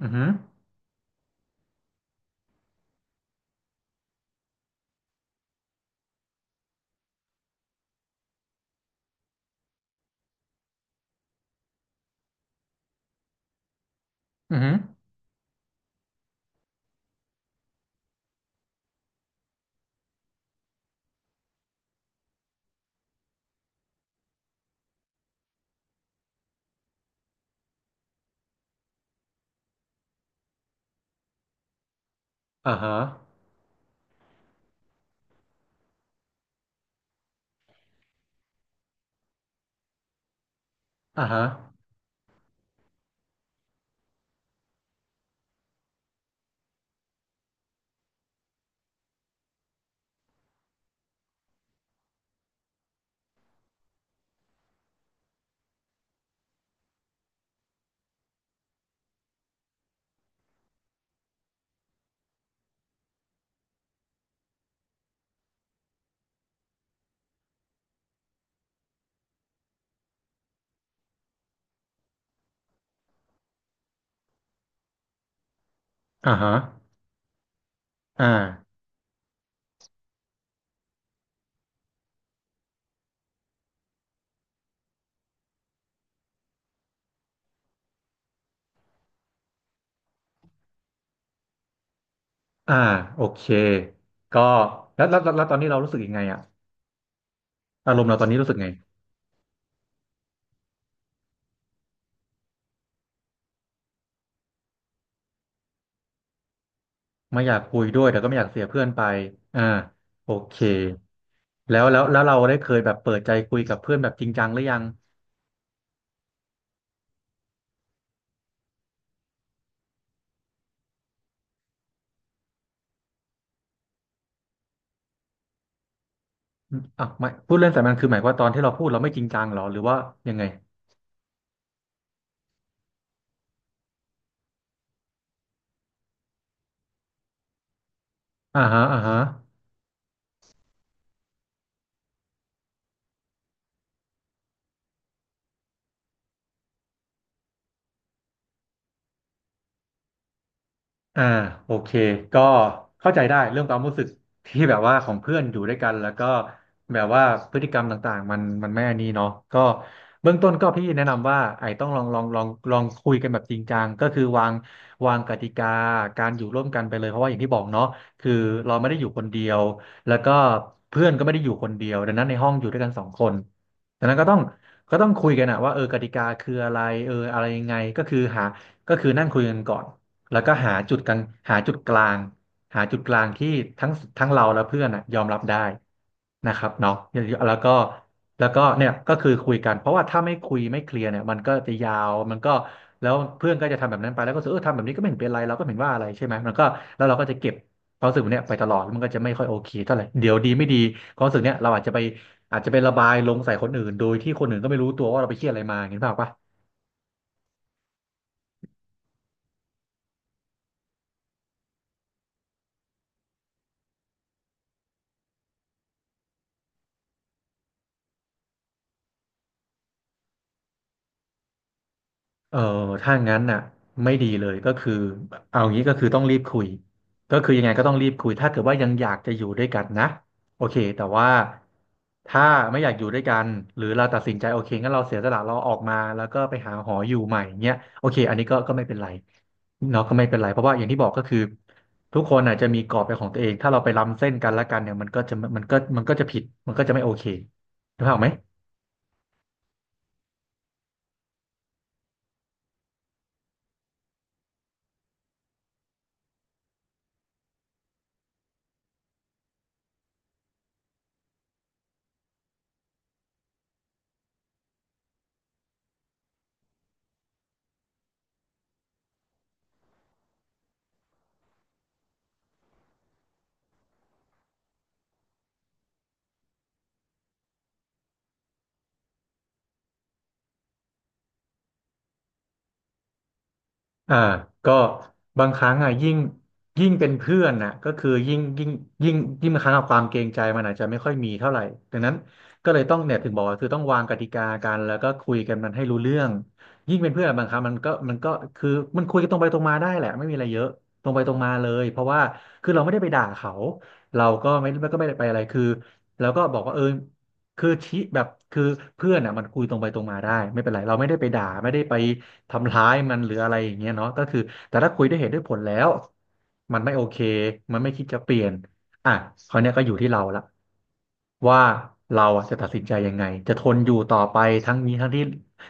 อือหืออือหืออ่าฮะอ่าฮะอ่าฮะอ่าอ่าโอเคก็แล้วตอนนี้เรารู้สึกยังไงอะอารมณ์เราตอนนี้รู้สึกไงไม่อยากคุยด้วยแต่ก็ไม่อยากเสียเพื่อนไปอ่าโอเคแล้วเราได้เคยแบบเปิดใจคุยกับเพื่อนแบบจริงจังหรือยังอ่ะไม่พูดเล่นแต่มันคือหมายความว่าตอนที่เราพูดเราไม่จริงจังเหรอหรือว่ายังไงอ่าฮะอ่าฮะ อ่าโอเคก็เข้าใจได้เรื่องความรู้สึกที่แบบว่าของเพื่อนอยู่ด้วยกันแล้วก็แบบว่าพฤติกรรมต่างๆมันไม่อันนี้เนาะก็เบื้องต้นก็พี่แนะนำว่าไอ้ต้องลองคุยกันแบบจริงจังก็คือวางกติกาการอยู่ร่วมกันไปเลยเพราะว่าอย่างที่บอกเนาะคือเราไม่ได้อยู่คนเดียวแล้วก็เพื่อนก็ไม่ได้อยู่คนเดียวดังนั้นในห้องอยู่ด้วยกันสองคนดังนั้นก็ต้องคุยกันอะว่าเออกติกาคืออะไรเอออะไรยังไงก็คือหาก็คือนั่งคุยกันก่อน แล้วก็หาจุดกลางหาจุดกลางที่ทั้งทั้งเราและเพื่อนน่ะยอมรับได้นะครับเนาะแล้วก็แล้วก็เนี่ยก็คือคุยกันเพราะว่าถ้าไม่คุยไม่เคลียร์เนี่ยมันก็จะยาวมันก็แล้วเพื่อนก็จะทำแบบนั้นไปแล้วก็รู้สึกเออทำแบบนี้ก็ไม่เห็นเป็นไรเราก็ไม่เห็นว่าอะไรใช่ไหมมันก็แล้วเราก็จะเก็บความรู้สึกเนี้ยไปตลอดมันก็จะไม่ค่อยโอเคเท่าไหร่เดี๋ยวดีไม่ดีความรู้สึกเนี้ยเราอาจจะไปอาจจะไประบายลงใส่คนอื่นโดยที่คนอื่นก็ไม่รู้ตัวว่าเราไปเครียดอะไรมาเห็นเปล่าปะ เออถ้างั้นน่ะไม่ดีเลยก็คือเอางี้ก็คือต้องรีบคุยก็คือยังไงก็ต้องรีบคุยถ้าเกิดว่ายังอยากจะอยู่ด้วยกันนะโอเคแต่ว่าถ้าไม่อยากอยู่ด้วยกันหรือเราตัดสินใจโอเคงั้นเราเสียสละเราออกมาแล้วก็ไปหาหออยู่ใหม่เงี้ยโอเคอันนี้ก็ไม่เป็นไรเนาะก็ไม่เป็นไรเพราะว่าอย่างที่บอกก็คือทุกคนอาจจะมีกรอบเป็นของตัวเองถ้าเราไปล้ำเส้นกันและกันเนี่ยมันก็จะผิดมันก็จะไม่โอเคถูกไหม อ่าก็บางครั้งอ่ะยิ่งเป็นเพื่อนน่ะก็คือยิ่งยิ่งบางครั้งอะความเกรงใจมันอาจจะไม่ค่อยมีเท่าไหร่ดังนั้นก็เลยต้องเนี่ยถึงบอกว่าคือต้องวางกติกากันแล้วก็คุยกันมันให้รู้เรื่องยิ่งเป็นเพื่อนอะบางครั้งมันก็คือมันคุยกันตรงไปตรงมาได้แหละไม่มีอะไรเยอะตรงไปตรงมาเลยเพราะว่าคือเราไม่ได้ไปด่าเขาเราก็ไม่ก็ไม่ได้ไปอะไรคือแล้วก็บอกว่าเออ คือชี้แบบคือเพื่อนอ่ะมันคุยตรงไปตรงมาได้ไม่เป็นไรเราไม่ได้ไปด่าไม่ได้ไปทำร้ายมันหรืออะไรอย่างเงี้ยเนาะก็คือแต่ถ้าคุยด้วยเหตุด้วยผลแล้วมันไม่โอเคมันไม่คิดจะเปลี่ยนอ่ะคราวเนี้ยก็อยู่ที่เราละว่าเราอ่ะจะตัดสินใจยังไงจะทนอยู่ต่อไปทั้งนี้ทั้งที่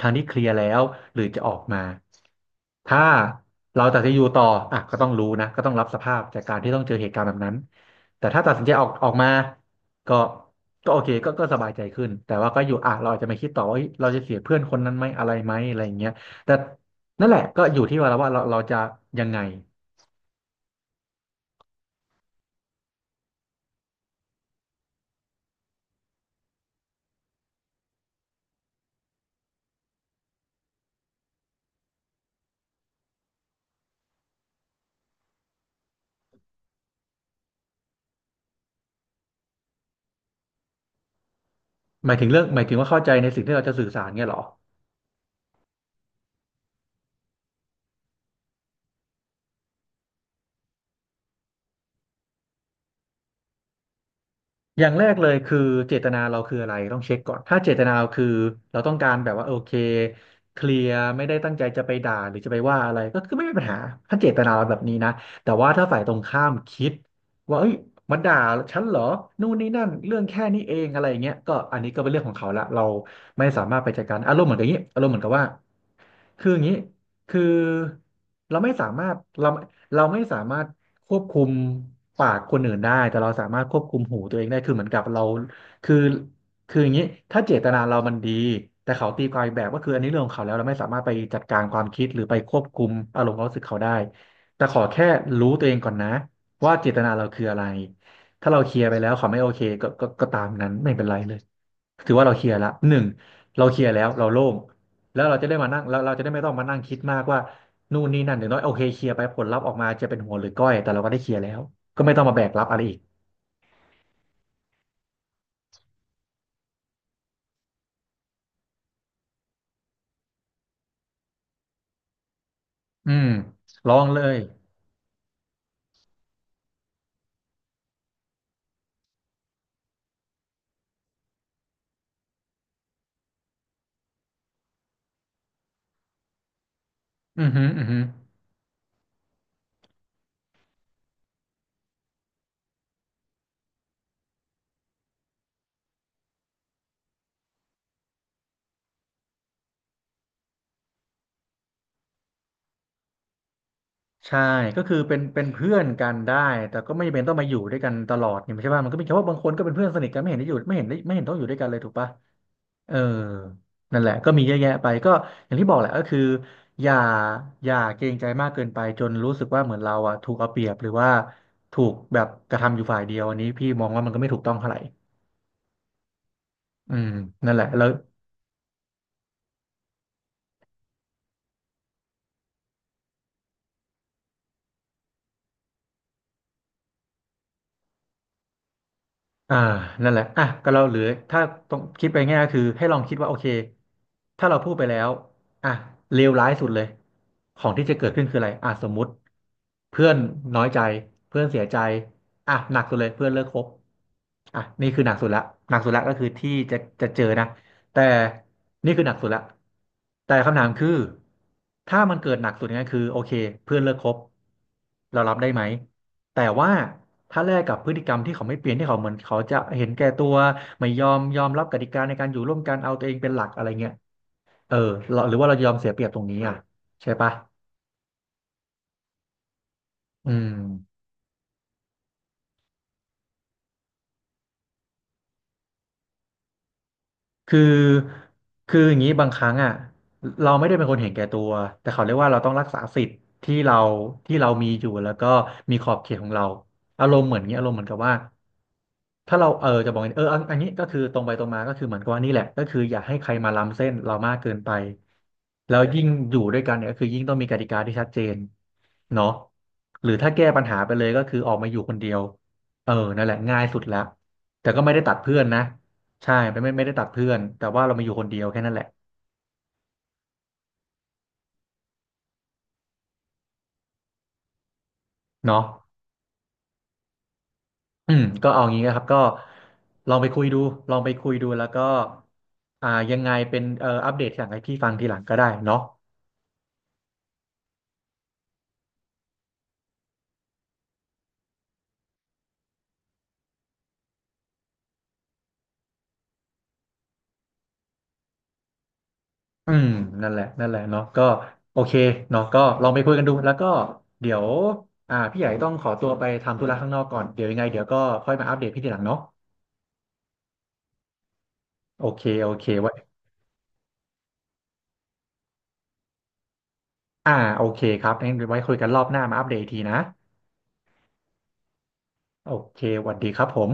ทั้งที่เคลียร์แล้วหรือจะออกมาถ้าเราตัดสินใจอยู่ต่ออ่ะก็ต้องรู้นะก็ต้องรับสภาพจากการที่ต้องเจอเหตุการณ์แบบนั้นแต่ถ้าตัดสินใจออกออกมา ก็ก็โอเคก็สบายใจขึ้นแต่ว่าก็อยู่อ่ะเราอาจจะไม่คิดต่อว่าเฮ้ยเราจะเสียเพื่อนคนนั้นไหมอะไรไหมอะไรอย่างเงี้ยแต่นั่นแหละก็อยู่ที่ว่าเราจะยังไงหมายถึงเรื่องหมายถึงว่าเข้าใจในสิ่งที่เราจะสื่อสารเงี้ยเหรอ อย่างแรกเลยคือเจตนาเราคืออะไรต้องเช็คก่อนถ้าเจตนาเราคือเราต้องการแบบว่าโอเคเคลียร์ไม่ได้ตั้งใจจะไปด่าหรือจะไปว่าอะไรก็คือไม่มีปัญหาถ้าเจตนาเราแบบนี้นะแต่ว่าถ้าฝ่ายตรงข้ามคิดว่าเอ้ยมันด่าฉันเหรอนู่นนี่นั่นเรื่องแค่นี้เองอะไรอย่างเงี้ยก็อันนี้ก็เป็นเรื่องของเขาละเราไม่สามารถไปจัดการอารมณ์เหมือนกับอย่างนี้อารมณ์เหมือนกับว่าคืออย่างนี้ คือเราเราไม่สามารถควบคุมปากคนอื่นได้แต่เราสามารถควบคุมหูตัวเองได้คือเหมือนกับเราคือคืออย่างนี้ถ้าเจตนาเรามันดีแต่เขาตีความอีกแบบก็คืออันนี้เรื่องของเขาแล้วเราไม่สามารถไปจัดการความคิดหรือไปควบคุมอารมณ์ความรู้สึกเขาได้แต่ขอแค่รู้ตัวเองก่อนนะว่าเจตนาเราคืออะไรถ้าเราเคลียร์ไปแล้วเขาไม่โอเคก็ตามนั้นไม่เป็นไรเลยถือว่าเราเคลียร์ละหนึ่งเราเคลียร์แล้วเราโล่ง แล้วเราจะได้ไม่ต้องมานั่งคิดมากว่านู่นนี่นั่นอย่างน้อยโอเคเคลียร์ไปผลลัพธ์ออกมาจะเป็นหัวหรือก้อยแต่เราก็ได้เคลียร์แล้วก็ไม่ต้องมาแบกรับอะไรอีกอืมลองเลยอือหืออือหือใช่ก็คือเป็นเพื่อนกันได้แต่ก็ไม่จำเป็นต้องมาอยู่ด้วยกันตลอดเนี่ยใช่ป่ะมันก็มีแค่ว่าบางคนก็เป็นเพื่อนสนิทกันไม่เห็นได้อยู่ไม่เห็นได้ไม่เห็นต้องอยู่ด้วยกันเลยถูกป่ะ เออนั่นแหละก็มีเยอะแยะไปก็อย่างที่บอกแหละก็คืออย่าอย่าเกรงใจมากเกินไปจนรู้สึกว่าเหมือนเราอ่ะถูกเอาเปรียบหรือว่าถูกแบบกระทำอยู่ฝ่ายเดียวอันนี้พี่มองว่ามันก็ไม่ถูกต้องเท่าไหร่อืมนั่นแหละแล้ว อ่านั่นแหละอ่ะก็เราเหลือถ้าต้องคิดไปง่ายก็คือให้ลองคิดว่าโอเคถ้าเราพูดไปแล้วอ่ะเลวร้ายสุดเลยของที่จะเกิดขึ้นคืออะไรอ่ะสมมุติเพื่อนน้อยใจเพื่อนเสียใจอ่ะหนักสุดเลยเพื่อนเลิกคบอ่ะนี่คือหนักสุดละหนักสุดละก็คือที่จะจะเจอนะแต่นี่คือหนักสุดละแต่คำถามคือถ้ามันเกิดหนักสุดเนี่ยคือโอเคเพื่อนเลิกคบเรารับได้ไหมแต่ว่า ถ้าแลกกับพฤติกรรมที่เขาไม่เปลี่ยนที่เขาเหมือนเขาจะเห็นแก่ตัวไม่ยอมยอมรับกติกาในการอยู่ร่วมกันเอาตัวเองเป็นหลักอะไรเงี้ยเออเราหรือว่าเรายอมเสียเปรียบตรงนี้อ่ะใช่ปะอืม คือคืออย่างนี้บางครั้งอ่ะเราไม่ได้เป็นคนเห็นแก่ตัวแต่เขาเรียกว่าเราต้องรักษาสิทธิ์ที่เราที่เรามีอยู่แล้วก็มีขอบเขตของเราอารมณ์เหมือนอย่างนี้อารมณ์เหมือนกับว่าถ้าเราเออจะบอกอย่างนี้เอออันนี้ก็คือตรงไปตรงมาก็คือเหมือนกับว่านี่แหละก็คืออย่าให้ใครมาล้ำเส้นเรามากเกินไปแล้วยิ่งอยู่ด้วยกันเนี่ยก็คือยิ่งต้องมีกติกาที่ชัดเจนเนาะหรือถ้าแก้ปัญหาไปเลยก็คือออกมาอยู่คนเดียวเออนั่นแหละง่ายสุดละแต่ก็ไม่ได้ตัดเพื่อนนะ ใช่ไม่ได้ตัดเพื่อนแต่ว่าเรามาอยู่คนเดียวแค่นั้นแหละเนาะอืมก็เอางี้นะครับก็ลองไปคุยดูลองไปคุยดูแล้วก็อ่ายังไงเป็นอัปเดตอยหลงให้พี่ฟังทีหลังก็ได้เนาะอืมนั่นแหละนั่นแหละเนาะก็โอเคเนาะก็ลองไปคุยกันดูแล้วก็เดี๋ยวพี่ใหญ่ต้องขอตัวไปทำธุระข้างนอกก่อนเดี๋ยวยังไงเดี๋ยวก็ค่อยมาอัปเดตพี่ทีหลังเนาะโอเคโอเคไว้โอเคครับงั้นเดี๋ยวไว้คุยกันรอบหน้ามาอัปเดตอีกทีนะโอเคสวัสดีครับผม